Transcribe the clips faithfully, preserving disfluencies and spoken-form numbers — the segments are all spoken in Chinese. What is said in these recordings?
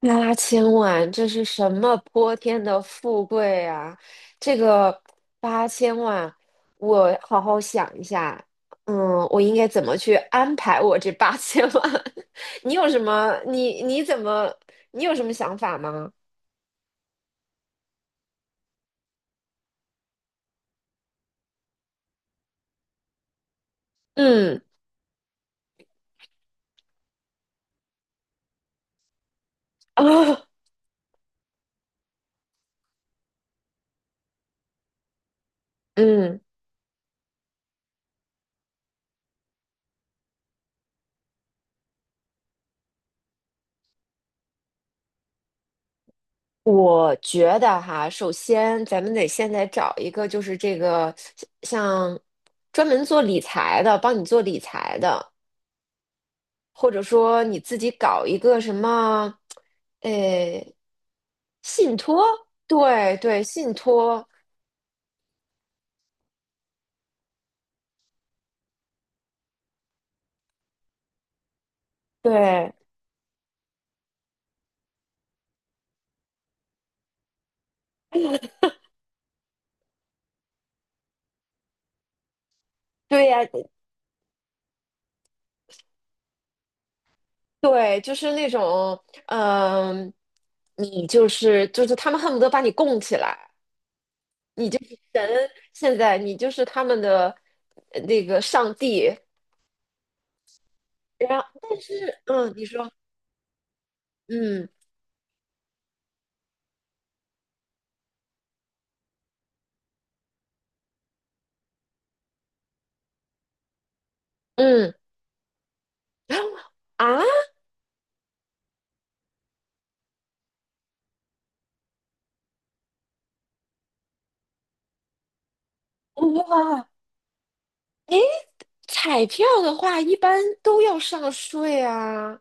八千万，这是什么泼天的富贵啊！这个八千万，我好好想一下，嗯，我应该怎么去安排我这八千万？你有什么？你你怎么？你有什么想法吗？嗯。 啊，嗯，我觉得哈，首先咱们得现在找一个，就是这个像专门做理财的，帮你做理财的。或者说你自己搞一个什么，呃，信托，对对，信托，对对呀，对，就是那种，嗯、你就是就是他们恨不得把你供起来，现在你就是他们的呃那个上帝，然后但是，嗯，你说，嗯嗯，然后啊，哇，彩票的话一般都要上税啊。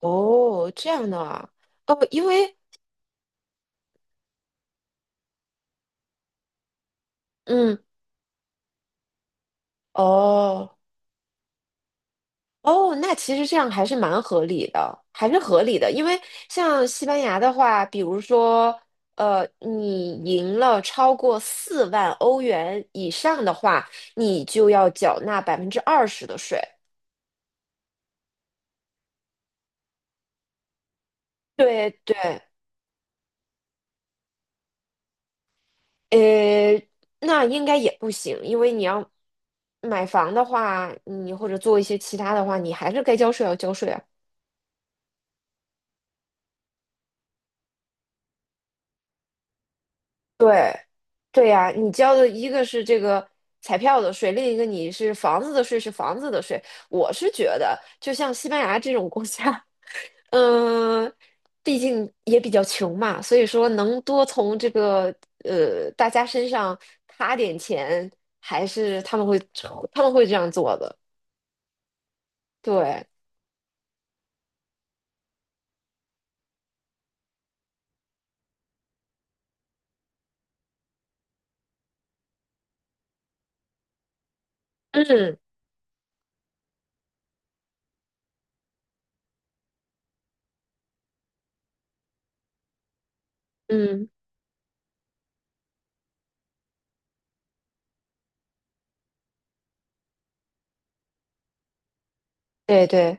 哦，这样的啊，哦，因为，嗯，哦，哦，那其实这样还是蛮合理的，还是合理的，因为像西班牙的话，比如说，呃，你赢了超过四万欧元以上的话，你就要缴纳百分之二十的税。对对，呃，那应该也不行，因为你要买房的话，你或者做一些其他的话，你还是该交税要交税啊。对，对呀，你交的一个是这个彩票的税，另一个你是房子的税，是房子的税。我是觉得，就像西班牙这种国家，嗯、毕竟也比较穷嘛，所以说能多从这个呃大家身上卡点钱，还是他们会他们会这样做的。对，嗯嗯，对对，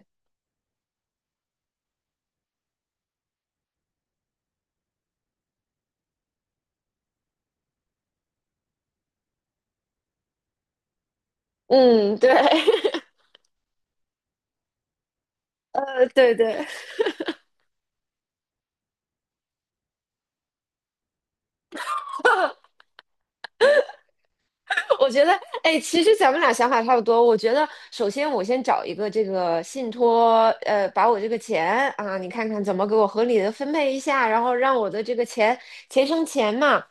嗯对，呃对对。我觉得，哎，其实咱们俩想法差不多。我觉得，首先我先找一个这个信托，呃，把我这个钱啊，你看看怎么给我合理的分配一下，然后让我的这个钱钱生钱嘛。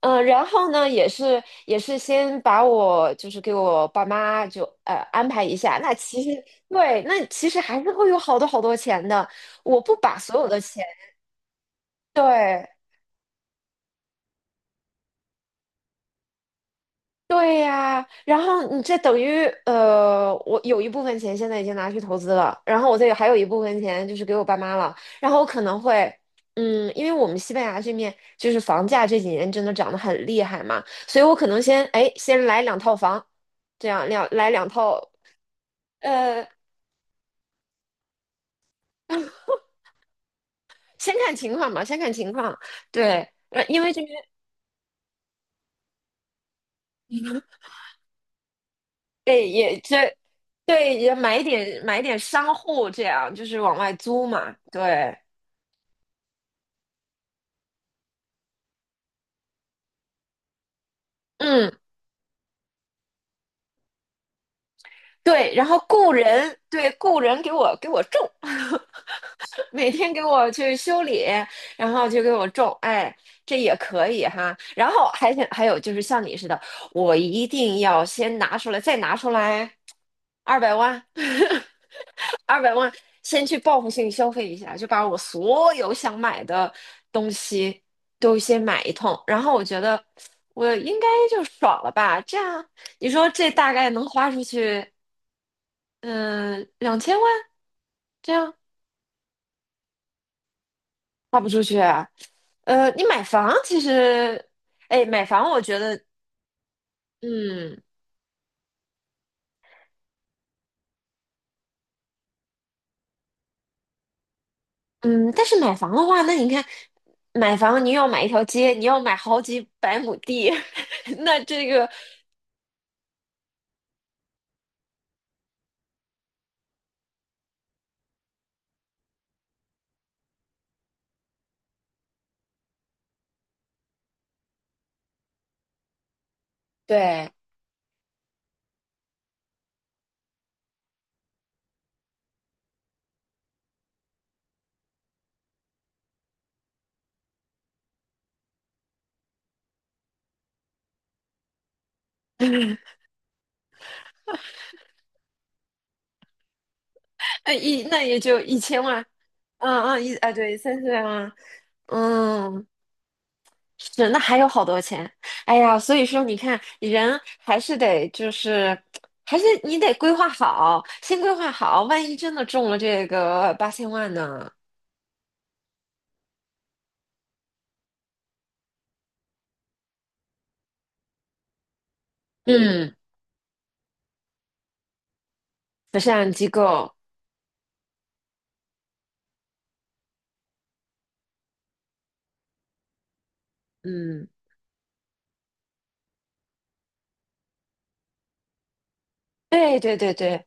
嗯、然后呢，也是也是先把我就是给我爸妈就呃安排一下。那其实对，那其实还是会有好多好多钱的。我不把所有的钱，对。对呀，然后你这等于呃，我有一部分钱现在已经拿去投资了，然后我这还有一部分钱就是给我爸妈了，然后我可能会，嗯，因为我们西班牙这面就是房价这几年真的涨得很厉害嘛，所以我可能先哎先来两套房，这样两来两套，呃，先看情况吧，先看情况，对，呃因为这边哎也这对也买一点买一点商户这样，就是往外租嘛，对。嗯。对，然后雇人，对，雇人给我给我种，每天给我去修理，然后就给我种，哎，这也可以哈。然后还想还有就是像你似的，我一定要先拿出来，再拿出来二百万，二百万，先去报复性消费一下，就把我所有想买的东西都先买一通，然后我觉得我应该就爽了吧，这样你说这大概能花出去嗯，两千万这样花不出去啊。呃，你买房其实，哎，买房我觉得，嗯嗯，但是买房的话，那你看，买房你要买一条街，你要买好几百亩地，那这个对，那一那也就一千万，嗯嗯一啊对，三四百万啊，嗯，是，那还有好多钱。哎呀，所以说你看，人还是得就是，还是你得规划好，先规划好，万一真的中了这个八千万呢？嗯，慈善机构，嗯，对对对对，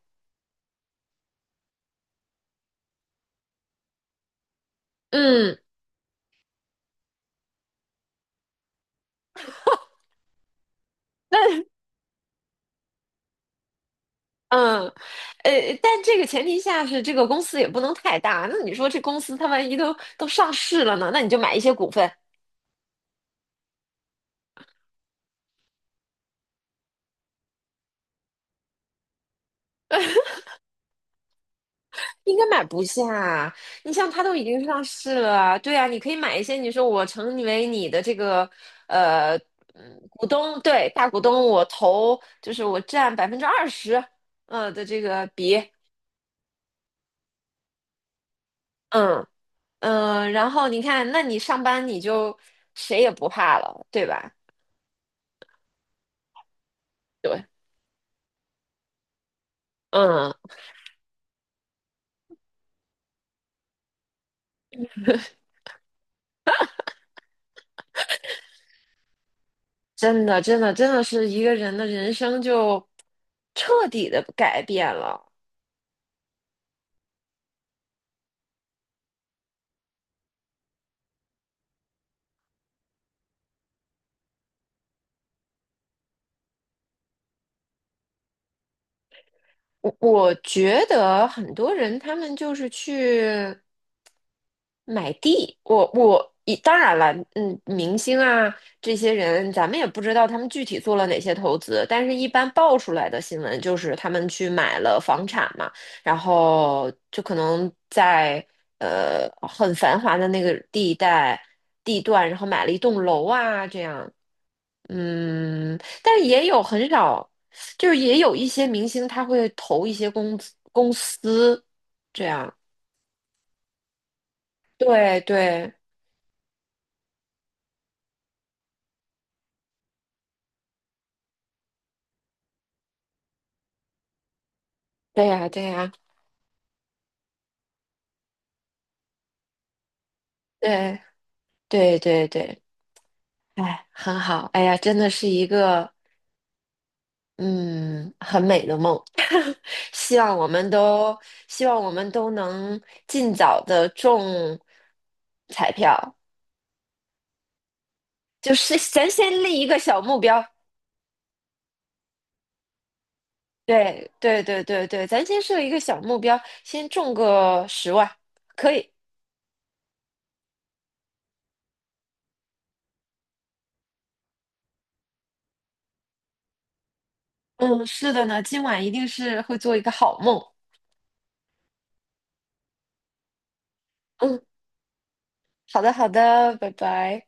嗯，那嗯，呃，但这个前提下是这个公司也不能太大。那你说这公司它万一都都上市了呢？那你就买一些股份，应该买不下。你像它都已经上市了，对啊，你可以买一些。你说我成为你的这个呃嗯股东，对，大股东，我投就是我占百分之二十，呃的这个比，嗯嗯、呃然后你看，那你上班你就谁也不怕了，对吧？对，嗯，真的真的真的是一个人的人生就彻底的改变了。我我觉得很多人他们就是去。买地，我我一当然了，嗯，明星啊这些人，咱们也不知道他们具体做了哪些投资，但是一般爆出来的新闻就是他们去买了房产嘛，然后就可能在呃很繁华的那个地带地段，然后买了一栋楼啊这样，嗯，但是也有很少，就是也有一些明星他会投一些公司公司这样，对对。对呀，对呀，对对对对，哎，很好，哎呀，真的是一个嗯很美的梦，希望我们都希望我们都能尽早的中彩票，就是咱先立一个小目标，对对对对对，咱先设一个小目标，先中个十万，可以，嗯，是的呢，今晚一定是会做一个好梦，嗯，好的好的，拜拜。